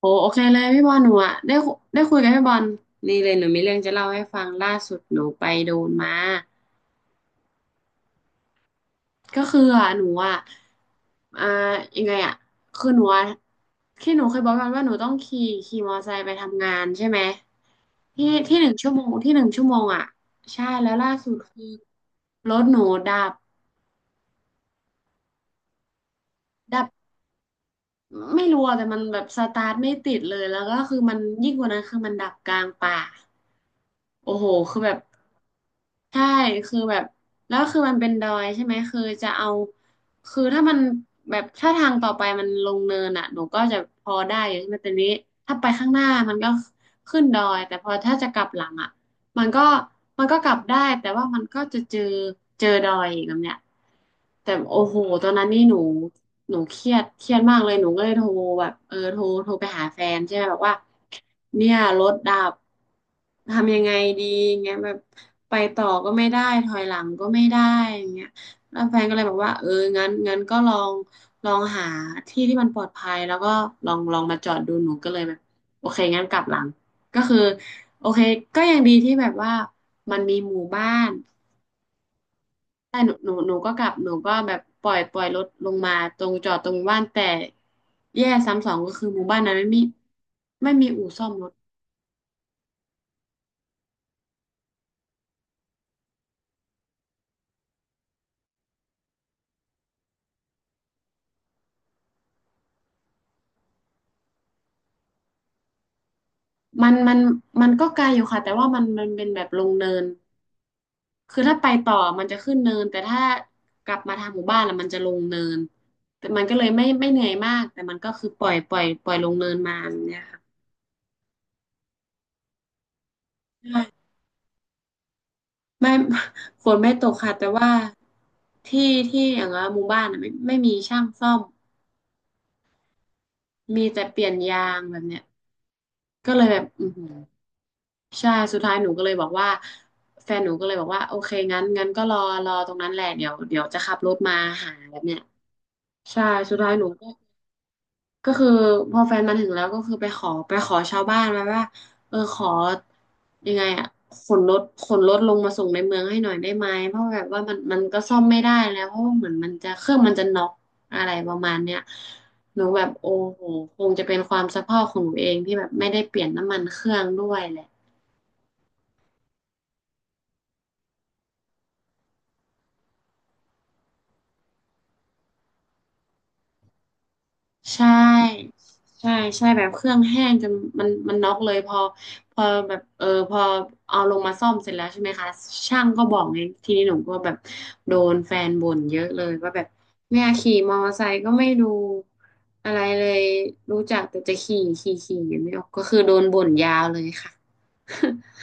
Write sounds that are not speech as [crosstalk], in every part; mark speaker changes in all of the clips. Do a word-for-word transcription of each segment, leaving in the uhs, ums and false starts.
Speaker 1: โหโอเคเลยพี่บอลหนูอะได้คุได้คุยกับพี่บอลนี่เลยหนูมีเรื่องจะเล่าให้ฟังล่าสุดหนูไปโดนมาก็คืออะหนูอะอ่ายังไงอะคือหนูอะที่หนูเคยบอกกันว่าหนูต้องขี่ขี่มอเตอร์ไซค์ไปทำงานใช่ไหมที่ที่หนึ่งชั่วโมงที่หนึ่งชั่วโมงอะใช่แล้วล่าสุดคือรถหนูดับดับไม่รู้อะแต่มันแบบสตาร์ทไม่ติดเลยแล้วก็คือมันยิ่งกว่านั้นคือมันดับกลางป่าโอ้โหคือแบบ ใช่คือแบบแล้วคือมันเป็นดอยใช่ไหมคือจะเอาคือถ้ามันแบบถ้าทางต่อไปมันลงเนินอ่ะหนูก็จะพอได้อยู่ใช่ไหมแต่นี้ถ้าไปข้างหน้ามันก็ขึ้นดอยแต่พอถ้าจะกลับหลังอ่ะ มันก็มันก็กลับได้แต่ว่ามันก็จะเจอเจอดอยอีกแบบเนี้ยแต่โอ้โหตอนนั้นนี่หนูหนูเครียดเครียดมากเลยหนูก็เลยโทรแบบเออโทรโทรไปหาแฟนใช่ไหมแบบว่าเนี่ยรถดับทำยังไงดีเงี้ยแบบไปต่อก็ไม่ได้ถอยหลังก็ไม่ได้อย่างเงี้ยแล้วแฟนก็เลยบอกว่าเอองั้นงั้นก็ลองลองหาที่ที่มันปลอดภัยแล้วก็ลองลองมาจอดดูหนูก็เลยแบบโอเคงั้นกลับหลังก็คือ โอเคก็ยังดีที่แบบว่ามันมีหมู่บ้านแต่หนูหนูหนูก็กลับหนูก็แบบปล่อยปล่อยรถลงมาตรงจอดตรงบ้านแต่แย่ซ้ำสองก็คือหมู่บ้านนั้นไม่มีไม่มีอู่ซ่อมรถมันมันมันก็ไกลอยู่ค่ะแต่ว่ามันมันเป็นแบบลงเนินคือถ้าไปต่อมันจะขึ้นเนินแต่ถ้ากลับมาทางหมู่บ้านแล้วมันจะลงเนินแต่มันก็เลยไม่ไม่เหนื่อยมากแต่มันก็คือปล่อยปล่อยปล่อยลงเนินมาแบบเนี่ยค่ะ ไม่ [laughs] ฝนไม่ตกค่ะแต่ว่าที่ที่อย่างว่าหมู่บ้านอะไม่ไม่มีช่างซ่อมมีแต่เปลี่ยนยางแบบเนี้ยก็เลยแบบอือหือใช่สุดท้ายหนูก็เลยบอกว่าแฟนหนูก็เลยบอกว่าโอเคงั้นงั้นก็รอรอตรงนั้นแหละเดี๋ยวเดี๋ยวจะขับรถมาหาแบบเนี้ยใช่สุดท้ายหนูก็ ก็คือพอแฟนมาถึงแล้วก็คือไปขอไปขอชาวบ้านมาว่าเออขอยังไงอ่ะขนรถขนรถลงมาส่งในเมืองให้หน่อยได้ไหมเพราะแบบว่ามันมันก็ซ่อมไม่ได้แล้วเพราะว่าเหมือนมันจะเครื่องมันจะน็อกอะไรประมาณเนี้ยหนูแบบโอ้โหคงจะเป็นความสะเพร่าของหนูเองที่แบบไม่ได้เปลี่ยนน้ำมันเครื่องด้วยแหละ ใช่ใช่ใช่แบบเครื่องแห้งจนมันมันน็อกเลยพอพอแบบเออพอเอาลงมาซ่อมเสร็จแล้วใช่ไหมคะช่างก็บอกไงทีนี้หนูก็แบบโดนแฟนบ่นเยอะเลยว่าแบบเนี่ยขี่มอเตอร์ไซค์ก็ไม่ดูอะไรเลยรู้จักแต่จะขี่ขี่ขี่อย่างนี้ก็คือโดนบ่นยาวเลยค่ะ [laughs]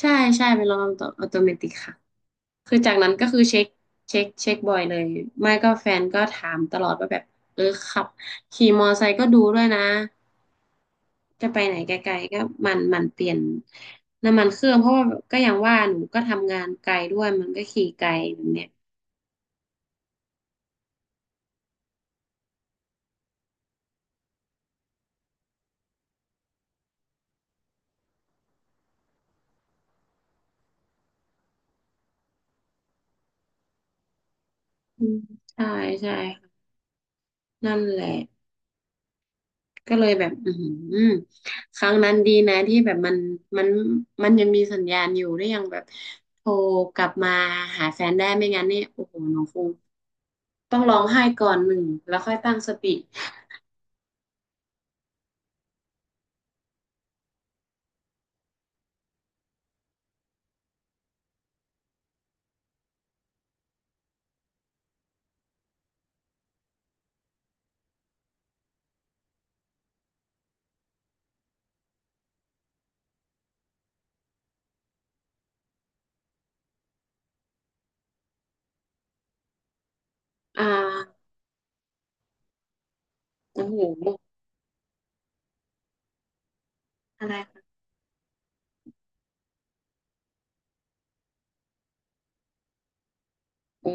Speaker 1: ใช่ใช่เป็นระบบอัตโนมัติค่ะคือจากนั้นก็คือเช็คเช็คเช็คบ่อยเลยไม่ก็แฟนก็ถามตลอดว่าแบบเออขับขี่มอไซค์ก็ดูด้วยนะจะไปไหนไกลๆก็มันมันเปลี่ยนน้ำมันเครื่องเพราะว่าก็อย่างว่าหนูก็ทำงานไกลด้วยมันก็ขี่ไกลแบบเนี้ยอืมใช่ใช่ค่ะนั่นแหละ ก็เลยแบบ อือหือครั้งนั้นดีนะที่แบบมันมัน มันยังมีสัญญาณอยู่ ได้ยังแบบโทรกลับมาหาแฟนได้ไม่งั้นเนี่ยโอ้โหน้องคงต้องร้องไห้ก่อนหนึ่ง แล้วค่อยตั้งสติอ่าโอ้โห อะไรคะโอ้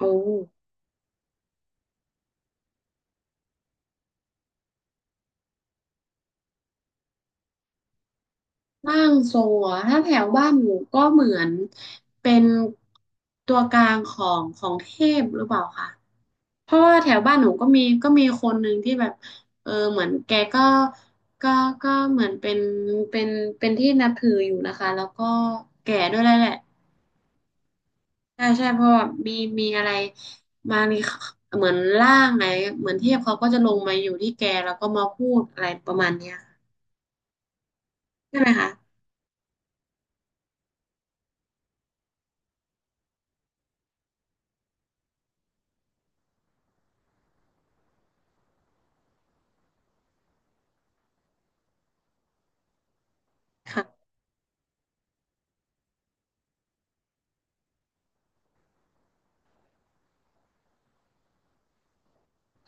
Speaker 1: โอ้ ร่างทรงเะถ้าแถวบ้านหนูก็เหมือนเป็นตัวกลางของของเทพหรือเปล่าคะเพราะว่าแถวบ้านหนูก็มีก็มีคนหนึ่งที่แบบเออเหมือนแกก็ก็ก็เหมือนเป็นเป็นเป็นที่นับถืออยู่นะคะแล้วก็แก่ด้วยแหละแหละใช่ใช่เพราะว่ามีมีอะไรบางทีเหมือนร่างไหนเหมือนเทพเขาก็จะลงมาอยู่ที่แกแล้วก็มาพูดอะไรประมาณเนี้ยใช่ไหมคะค่ะ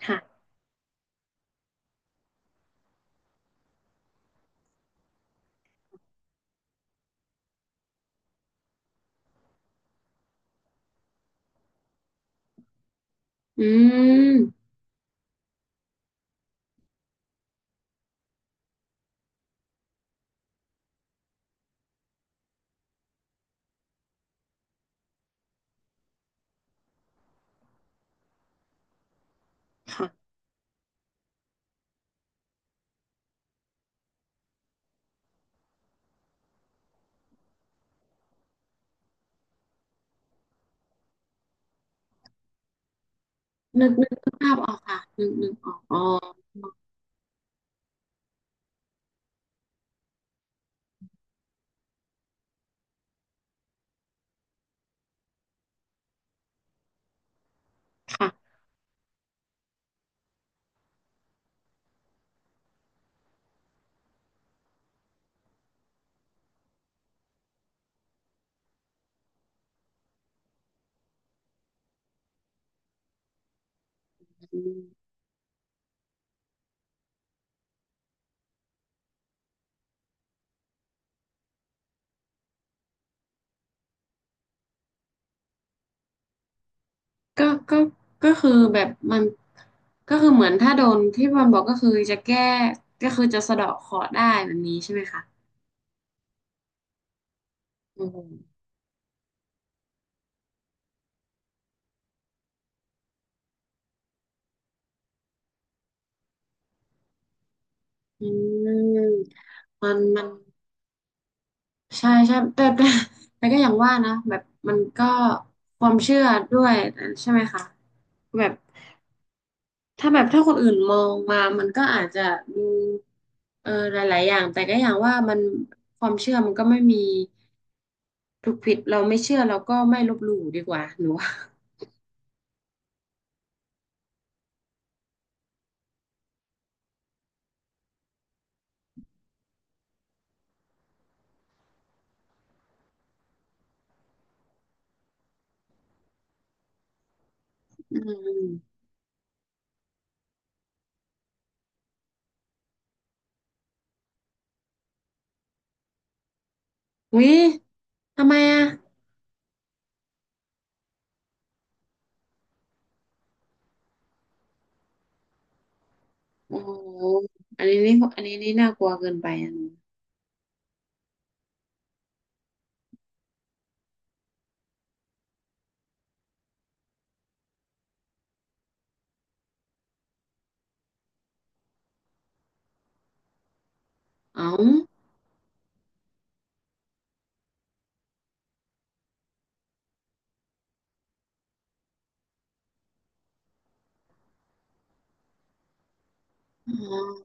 Speaker 1: ค่ะอืมค่ะ นึกนึกภาพออกค่ะนึกนึกออกอ๋อค่ะอืมก็ก็ก็คือแบบมันก็คือเหมือนถ้าโดนที่มันบอกก็คือจะแก้ก็คือจะสะเดาะเคราะห์ได้แบบนี้ใช่ไหมคะอืมอืมมันมันใช่ใช่แต่แต่แต่ก็อย่างว่านะแบบมันก็ความเชื่อด้วยใช่ไหมคะแบบ ถ้าแบบถ้าคนอื่นมองมามันก็อาจจะดูเออหลายๆอย่างแต่ก็อย่างว่ามันความเชื่อมันก็ไม่มีถูกผิดเราไม่เชื่อเราก็ไม่ลบหลู่ดีกว่าหนูว่าอืมวิทำไมอ่ะโอ้โหอันนี้นี่อันนี้นี่น่ากลัวเกินไปอ่ะหนูเอ้าอ๋อ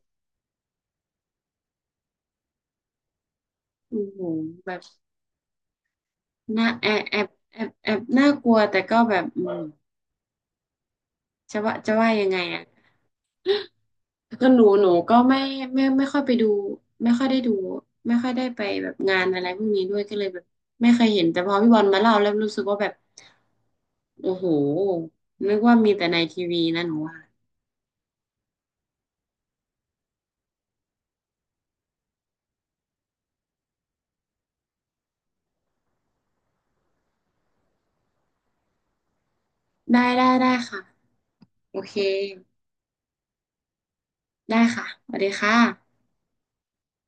Speaker 1: โอ้โหแบบน่าแอบแอบแอบแอบน่ากลัวแต่ก็แบบอืมจะว่าจะว่ายังไงอ่ะ ก็หนูหนูก็ไม่ไม่ไม่ค่อยไปดูไม่ค่อยได้ดูไม่ค่อยได้ไปแบบงานอะไรพวกนี้ด้วยก็เลยแบบไม่เคยเห็นแต่พอพี่บอลมาเล่าแล้วรู้สึกว่าแบบโอ้โหนึกว่ามีแต่ในทีวีนะหนูว่าได้ได้ได้ค่ะโอเคได้ค่ะสวัสดีค่ะ